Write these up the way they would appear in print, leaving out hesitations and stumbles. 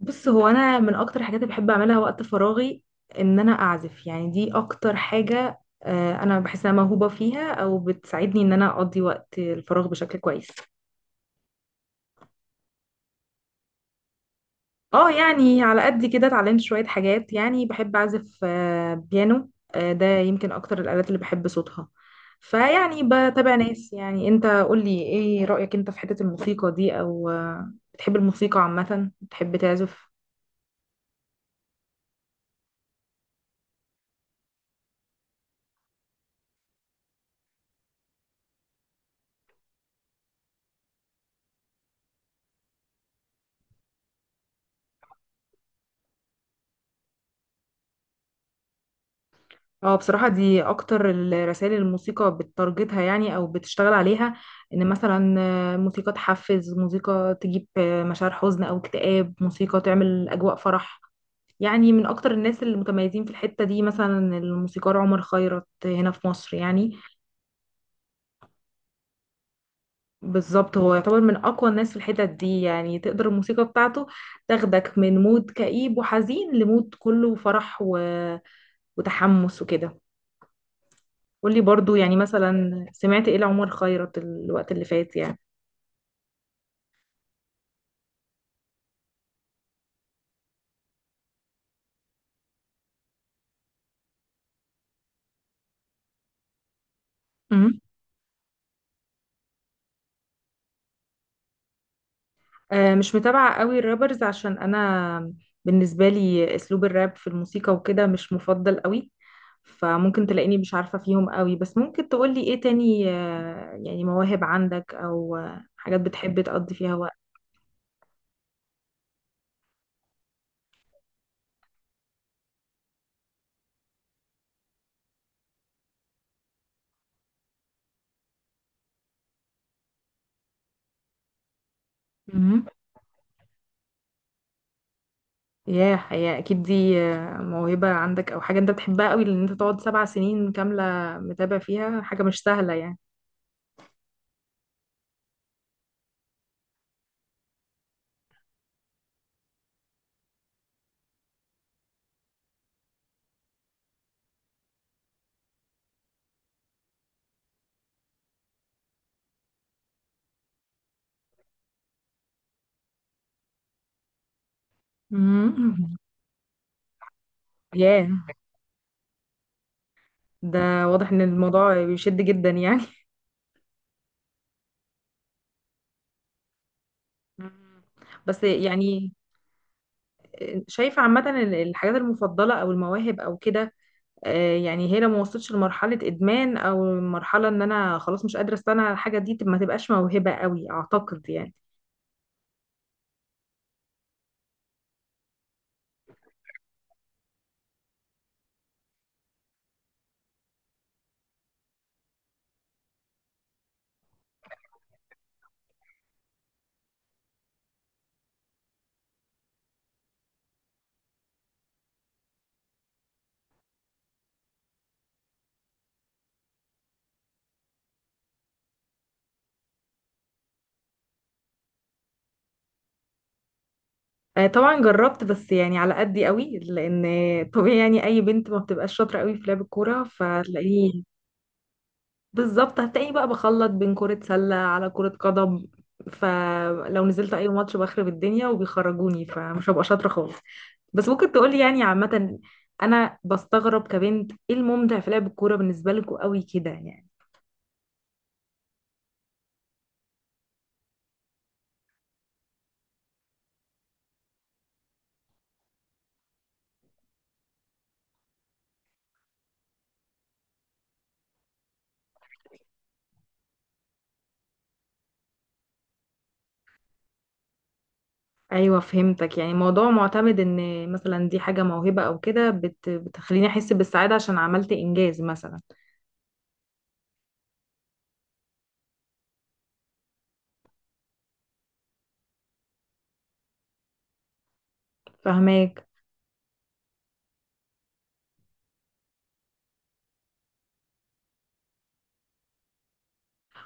بص، هو انا من اكتر الحاجات اللي بحب اعملها وقت فراغي ان انا اعزف. يعني دي اكتر حاجة، انا بحس انها موهوبة فيها او بتساعدني ان انا اقضي وقت الفراغ بشكل كويس. اه يعني على قد كده اتعلمت شوية حاجات، يعني بحب اعزف بيانو. ده يمكن اكتر الالات اللي بحب صوتها. فيعني بتابع ناس، يعني انت قولي ايه رأيك انت في حتة الموسيقى دي، او بتحب الموسيقى عامة، بتحب تعزف؟ اه بصراحة دي أكتر الرسائل الموسيقى بتارجتها، يعني أو بتشتغل عليها. إن مثلا موسيقى تحفز، موسيقى تجيب مشاعر حزن أو اكتئاب، موسيقى تعمل أجواء فرح. يعني من أكتر الناس المتميزين في الحتة دي مثلا الموسيقار عمر خيرت هنا في مصر يعني. بالظبط، هو يعتبر من أقوى الناس في الحتت دي، يعني تقدر الموسيقى بتاعته تاخدك من مود كئيب وحزين لمود كله فرح وتحمس وكده. قولي برضو يعني مثلا سمعت ايه لعمر خيرت الوقت اللي فات يعني. امم مش متابعة قوي الرابرز، عشان أنا بالنسبة لي أسلوب الراب في الموسيقى وكده مش مفضل قوي. فممكن تلاقيني مش عارفة فيهم قوي، بس ممكن تقولي إيه تاني، يعني مواهب عندك أو حاجات بتحب تقضي فيها وقت. امم ياه، هي أكيد دي موهبة عندك أو حاجة أنت بتحبها قوي، لأن أنت تقعد سبع سنين كاملة متابع فيها، حاجة مش سهلة يعني. امم ياه، ده واضح ان الموضوع بيشد جدا يعني. مم. بس يعني شايفة عامة إن الحاجات المفضلة او المواهب او كده، يعني هي لو ما وصلتش لمرحلة ادمان او مرحلة ان انا خلاص مش قادرة استنى على الحاجة دي، ما تبقاش موهبة قوي اعتقد يعني. طبعا جربت، بس يعني على قدي قوي، لان طبيعي يعني اي بنت ما بتبقاش شاطرة قوي في لعب الكورة، فتلاقيني بالظبط هتلاقيني بقى بخلط بين كرة سلة على كرة قدم. فلو نزلت اي ماتش بخرب الدنيا وبيخرجوني، فمش هبقى شاطرة خالص. بس ممكن تقولي يعني عامة، انا بستغرب كبنت ايه الممتع في لعب الكورة بالنسبة لكم قوي كده يعني. ايوه فهمتك، يعني موضوع معتمد ان مثلا دي حاجة موهبة او كده بتخليني احس بالسعادة عشان عملت انجاز مثلا. فهماك.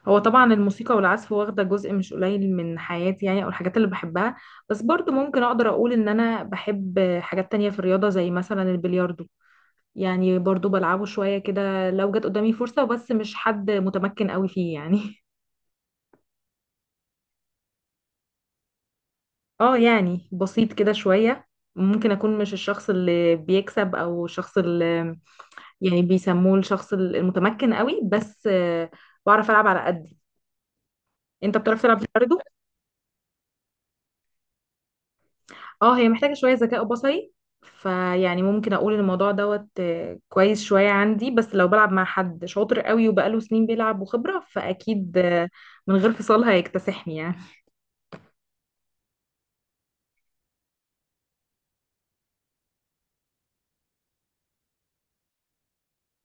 هو طبعا الموسيقى والعزف واخدة جزء مش قليل من حياتي، يعني او الحاجات اللي بحبها. بس برضو ممكن اقدر اقول ان انا بحب حاجات تانية في الرياضة زي مثلا البلياردو. يعني برضو بلعبه شوية كده لو جت قدامي فرصة، بس مش حد متمكن قوي فيه يعني اه يعني بسيط كده شوية. ممكن اكون مش الشخص اللي بيكسب او الشخص اللي يعني بيسموه الشخص المتمكن قوي، بس بعرف العب على قدي. انت بتعرف تلعب بلياردو؟ اه، هي محتاجة شوية ذكاء بصري. فيعني ممكن اقول إن الموضوع دوت كويس شوية عندي، بس لو بلعب مع حد شاطر قوي وبقاله سنين بيلعب وخبرة، فاكيد من غير فصال هيكتسحني يعني.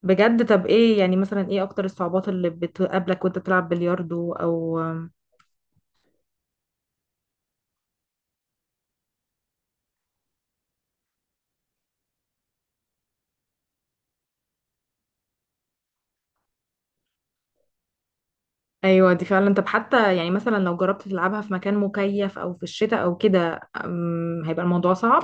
بجد؟ طب ايه يعني مثلا ايه اكتر الصعوبات اللي بتقابلك وانت بتلعب بلياردو او ايوه دي فعلا. طب حتى يعني مثلا لو جربت تلعبها في مكان مكيف او في الشتاء او كده، هيبقى الموضوع صعب.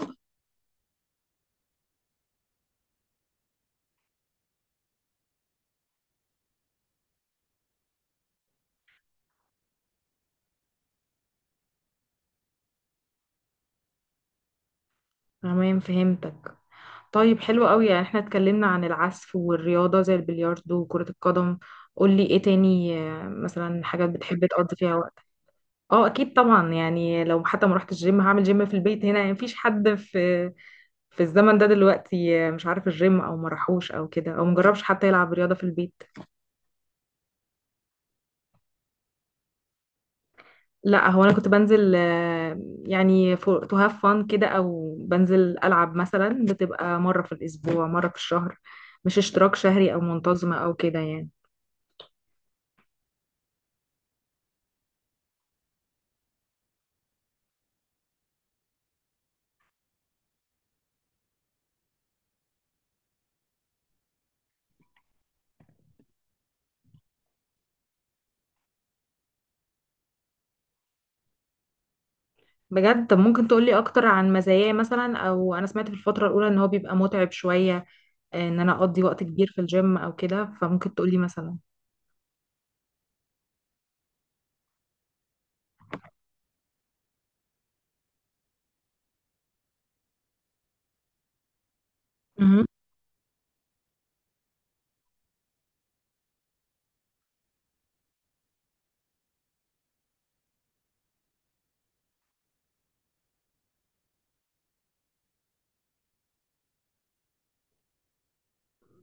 تمام فهمتك. طيب، حلو قوي. يعني احنا اتكلمنا عن العزف والرياضة زي البلياردو وكرة القدم. قولي ايه تاني مثلا حاجات بتحب تقضي فيها وقت. اه اكيد طبعا، يعني لو حتى ما رحت الجيم هعمل جيم في البيت هنا. يعني مفيش حد في الزمن ده دلوقتي مش عارف الجيم او ما راحوش او كده او مجربش حتى يلعب رياضة في البيت. لا هو انا كنت بنزل يعني تو هاف فان كده، او بنزل العب مثلا، بتبقى مرة في الاسبوع مرة في الشهر، مش اشتراك شهري او منتظمة او كده يعني. بجد؟ طب ممكن تقولي اكتر عن مزاياه مثلا؟ او انا سمعت في الفترة الاولى ان هو بيبقى متعب شوية، ان انا اقضي وقت كبير في الجيم او كده، فممكن تقولي مثلا. مهم.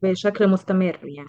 بشكل مستمر يعني.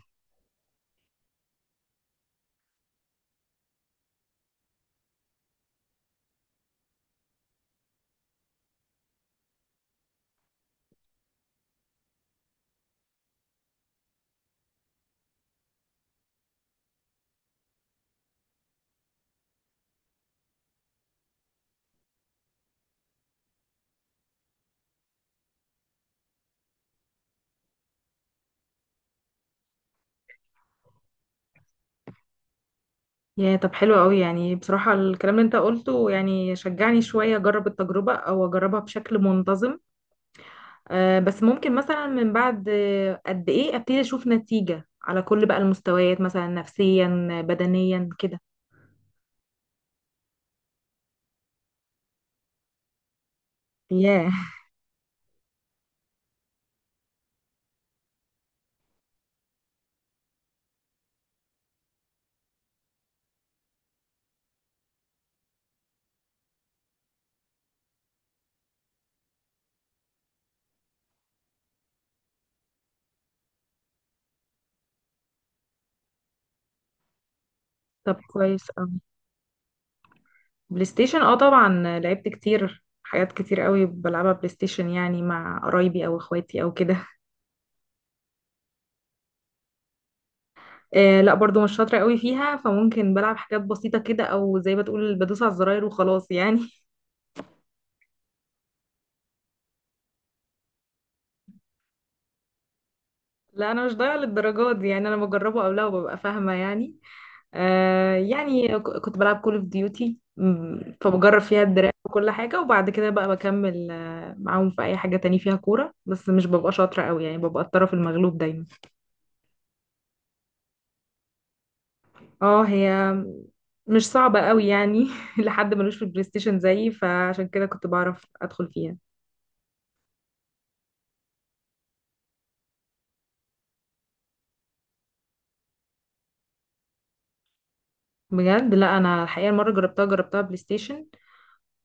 يا طب حلو قوي، يعني بصراحة الكلام اللي انت قلته يعني شجعني شوية اجرب التجربة او اجربها بشكل منتظم. آه بس ممكن مثلا من بعد قد ايه ابتدي اشوف نتيجة على كل بقى المستويات، مثلا نفسيا بدنيا كده. ياه. طب كويس. بلاي ستيشن اه طبعا، لعبت كتير. حاجات كتير قوي بلعبها بلاي ستيشن يعني مع قرايبي او اخواتي او كده. آه لا برضو مش شاطره قوي فيها، فممكن بلعب حاجات بسيطه كده، او زي ما تقول بدوس على الزراير وخلاص يعني. لا انا مش ضايعه للدرجات دي، يعني انا بجربه او لا وببقى فاهمه يعني. آه يعني كنت بلعب كول اوف ديوتي، فبجرب فيها الدراع وكل حاجه، وبعد كده بقى بكمل معاهم في اي حاجه تاني فيها كوره، بس مش ببقى شاطره قوي يعني، ببقى الطرف المغلوب دايما. اه، هي مش صعبة قوي يعني لحد ملوش في البلاي ستيشن زيي فعشان كده كنت بعرف ادخل فيها. بجد لا، انا الحقيقة المرة جربتها بلاي ستيشن،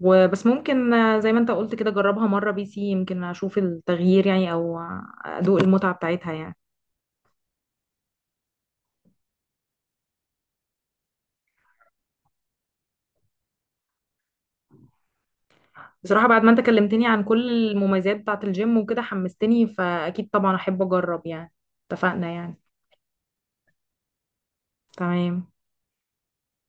وبس ممكن زي ما انت قلت كده جربها مرة بي سي، يمكن اشوف التغيير يعني، او ادوق المتعة بتاعتها يعني. بصراحة بعد ما انت كلمتني عن كل المميزات بتاعة الجيم وكده حمستني، فاكيد طبعا احب اجرب يعني. اتفقنا يعني. تمام.